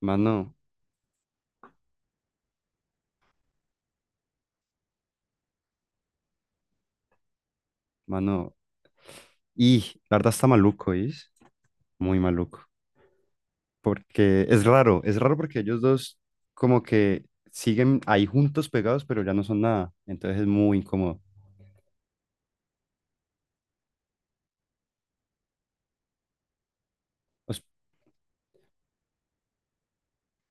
Mano, mano. Y la verdad está maluco, ¿is? Muy maluco. Porque es raro porque ellos dos como que siguen ahí juntos pegados, pero ya no son nada. Entonces es muy incómodo. Pues,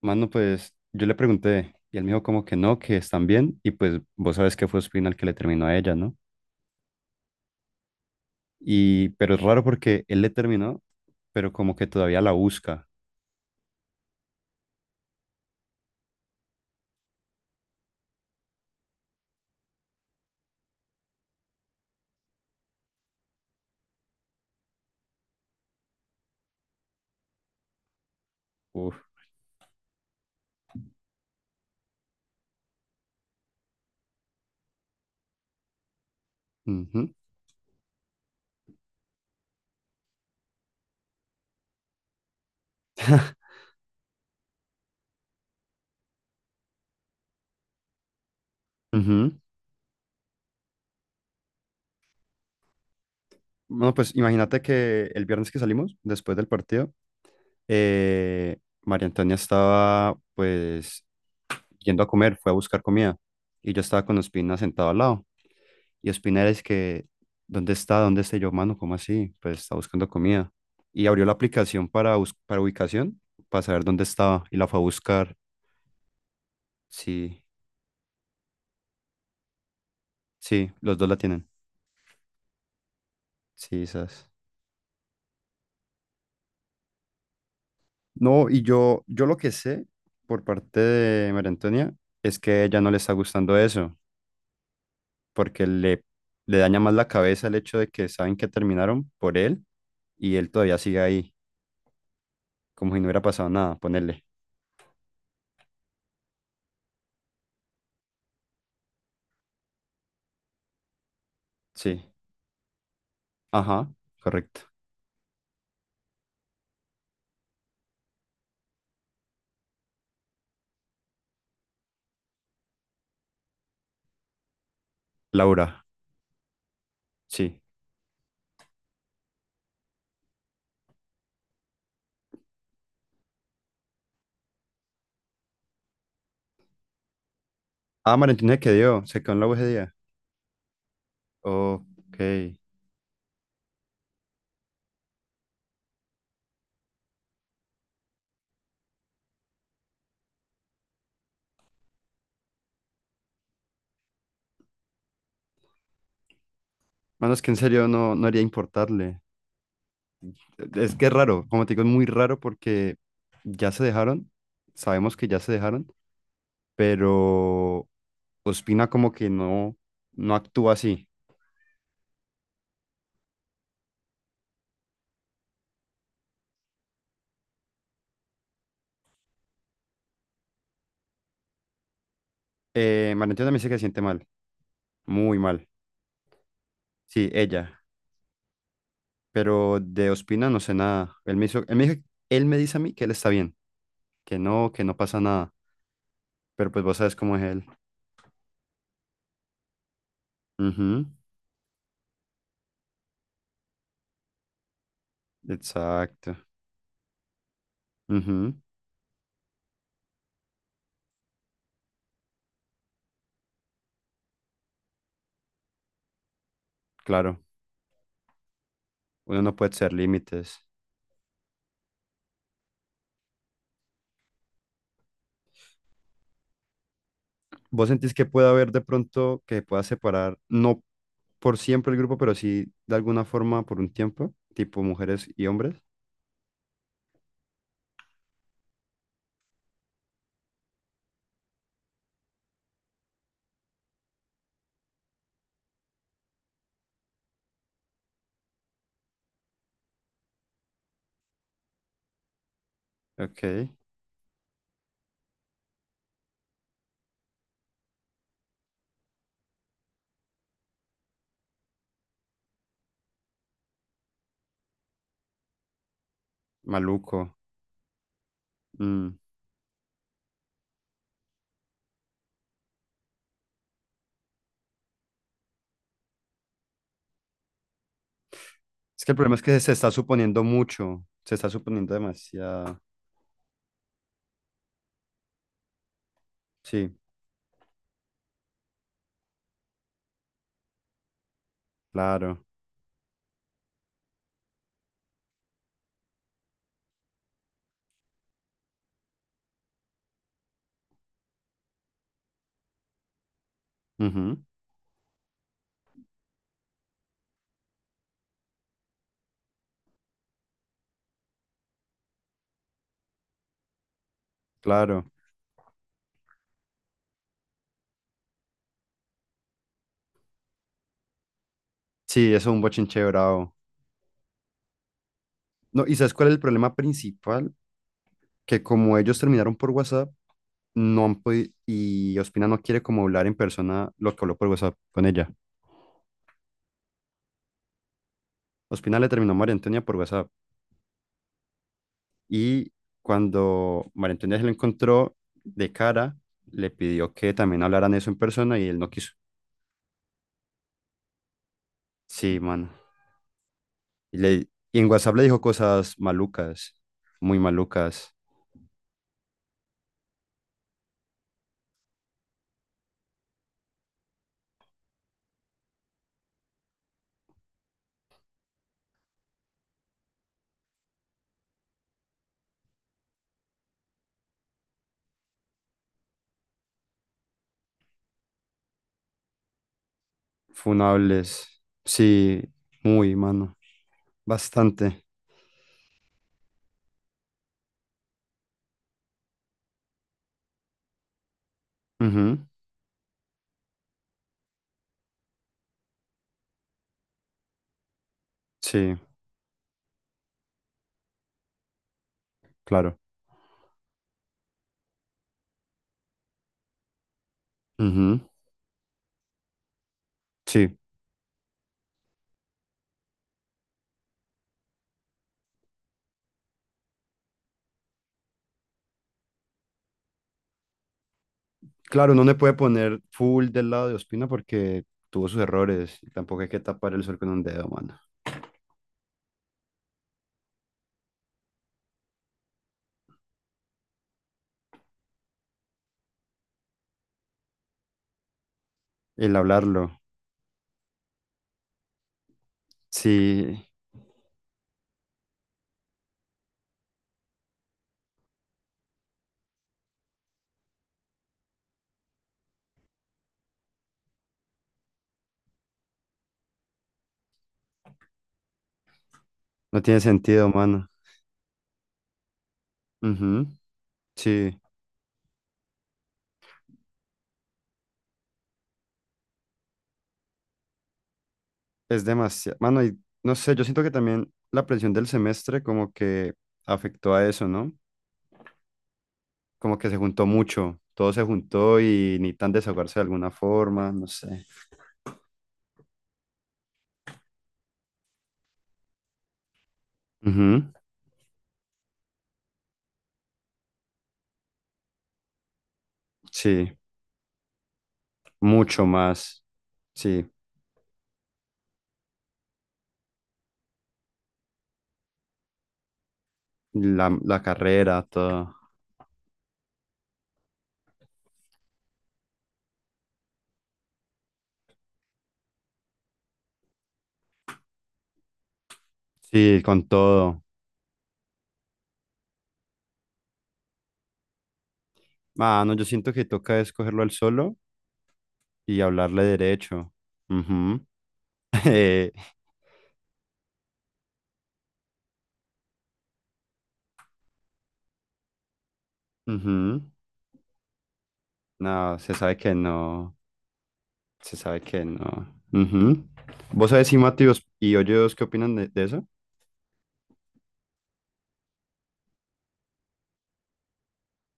mano, pues yo le pregunté y él me dijo como que no, que están bien. Y pues vos sabes que fue Ospina el que le terminó a ella, ¿no? Y, pero es raro porque él le terminó, pero como que todavía la busca. Uf. Ujú. Ujú. Bueno, pues imagínate que el viernes que salimos, después del partido, eh, María Antonia estaba pues yendo a comer, fue a buscar comida y yo estaba con Ospina sentado al lado. Y Ospina era es que, ¿dónde está? ¿Dónde está? Y yo, mano, ¿cómo así? Pues está buscando comida. Y abrió la aplicación para, para ubicación, para saber dónde estaba y la fue a buscar. Sí, sí, los dos la tienen. Sí, esas. No, y yo lo que sé por parte de María Antonia es que a ella no le está gustando eso. Porque le daña más la cabeza el hecho de que saben que terminaron por él y él todavía sigue ahí, como si no hubiera pasado nada, ponerle. Sí, ajá, correcto. Laura, sí. Ah, Valentina se quedó en la UGD. Ok. Bueno, es que en serio no, no haría importarle. Es que es raro, como te digo, es muy raro porque ya se dejaron, sabemos que ya se dejaron, pero Ospina como que no, no actúa así. Valentina también se que siente mal, muy mal. Sí, ella. Pero de Ospina no sé nada. Él me dijo- él me dice a mí que él está bien, que no pasa nada. Pero pues vos sabes cómo es él. Ujú. Exacto. Ujú. Claro. Uno no puede ser límites. ¿Vos sentís que puede haber de pronto que pueda separar, no por siempre el grupo, pero sí de alguna forma por un tiempo, tipo mujeres y hombres? Ok. Maluco. Mm. Es que el problema es que se está suponiendo mucho, se está suponiendo demasiado. Sí, claro. Ujú. Claro, sí, eso es un bochinche bravo. No, ¿y sabes cuál es el problema principal? Que como ellos terminaron por WhatsApp, no han podido, y Ospina no quiere como hablar en persona lo que habló por WhatsApp con ella. Ospina le terminó a María Antonia por WhatsApp y cuando María Antonia se lo encontró de cara, le pidió que también hablaran eso en persona y él no quiso. Sí, mano. Y en WhatsApp le dijo cosas malucas, muy malucas, funables. Sí, muy, mano. Bastante. Ujú. Sí, claro. Ujú. Sí, claro, uno no le puede poner full del lado de Ospina porque tuvo sus errores y tampoco hay que tapar el sol con un dedo, mano. El hablarlo, sí, no tiene sentido, mano. Ujú. Sí, es demasiado, mano, y no sé, yo siento que también la presión del semestre como que afectó a eso, ¿no? Como que se juntó mucho, todo se juntó y ni tan desahogarse de alguna forma, no sé. Ujú. Sí, mucho más. Sí. La carrera, todo. Sí, con todo. Ah, no, yo siento que toca escogerlo al solo y hablarle derecho. Ujú. Eh, ujú. No, se sabe que no. Se sabe que no. Ujú. ¿Vos sabés si Mateos y Hoyos qué opinan de eso?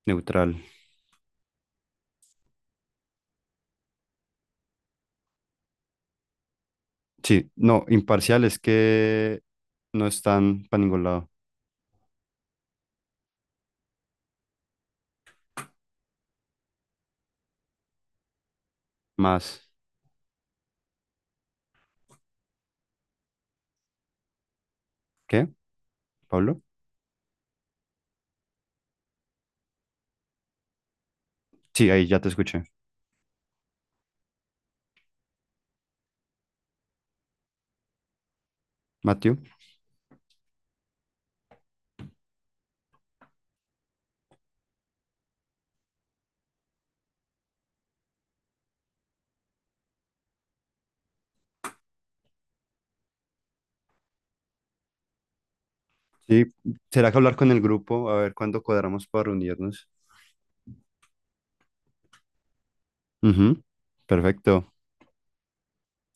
Neutral. Sí, no, imparcial es que no están para ningún lado. Más. ¿Qué, Pablo? Sí, ahí ya te escuché. Mateo. Sí, ¿será que hablar con el grupo? A ver cuándo cuadramos para reunirnos. Ujú. Perfecto.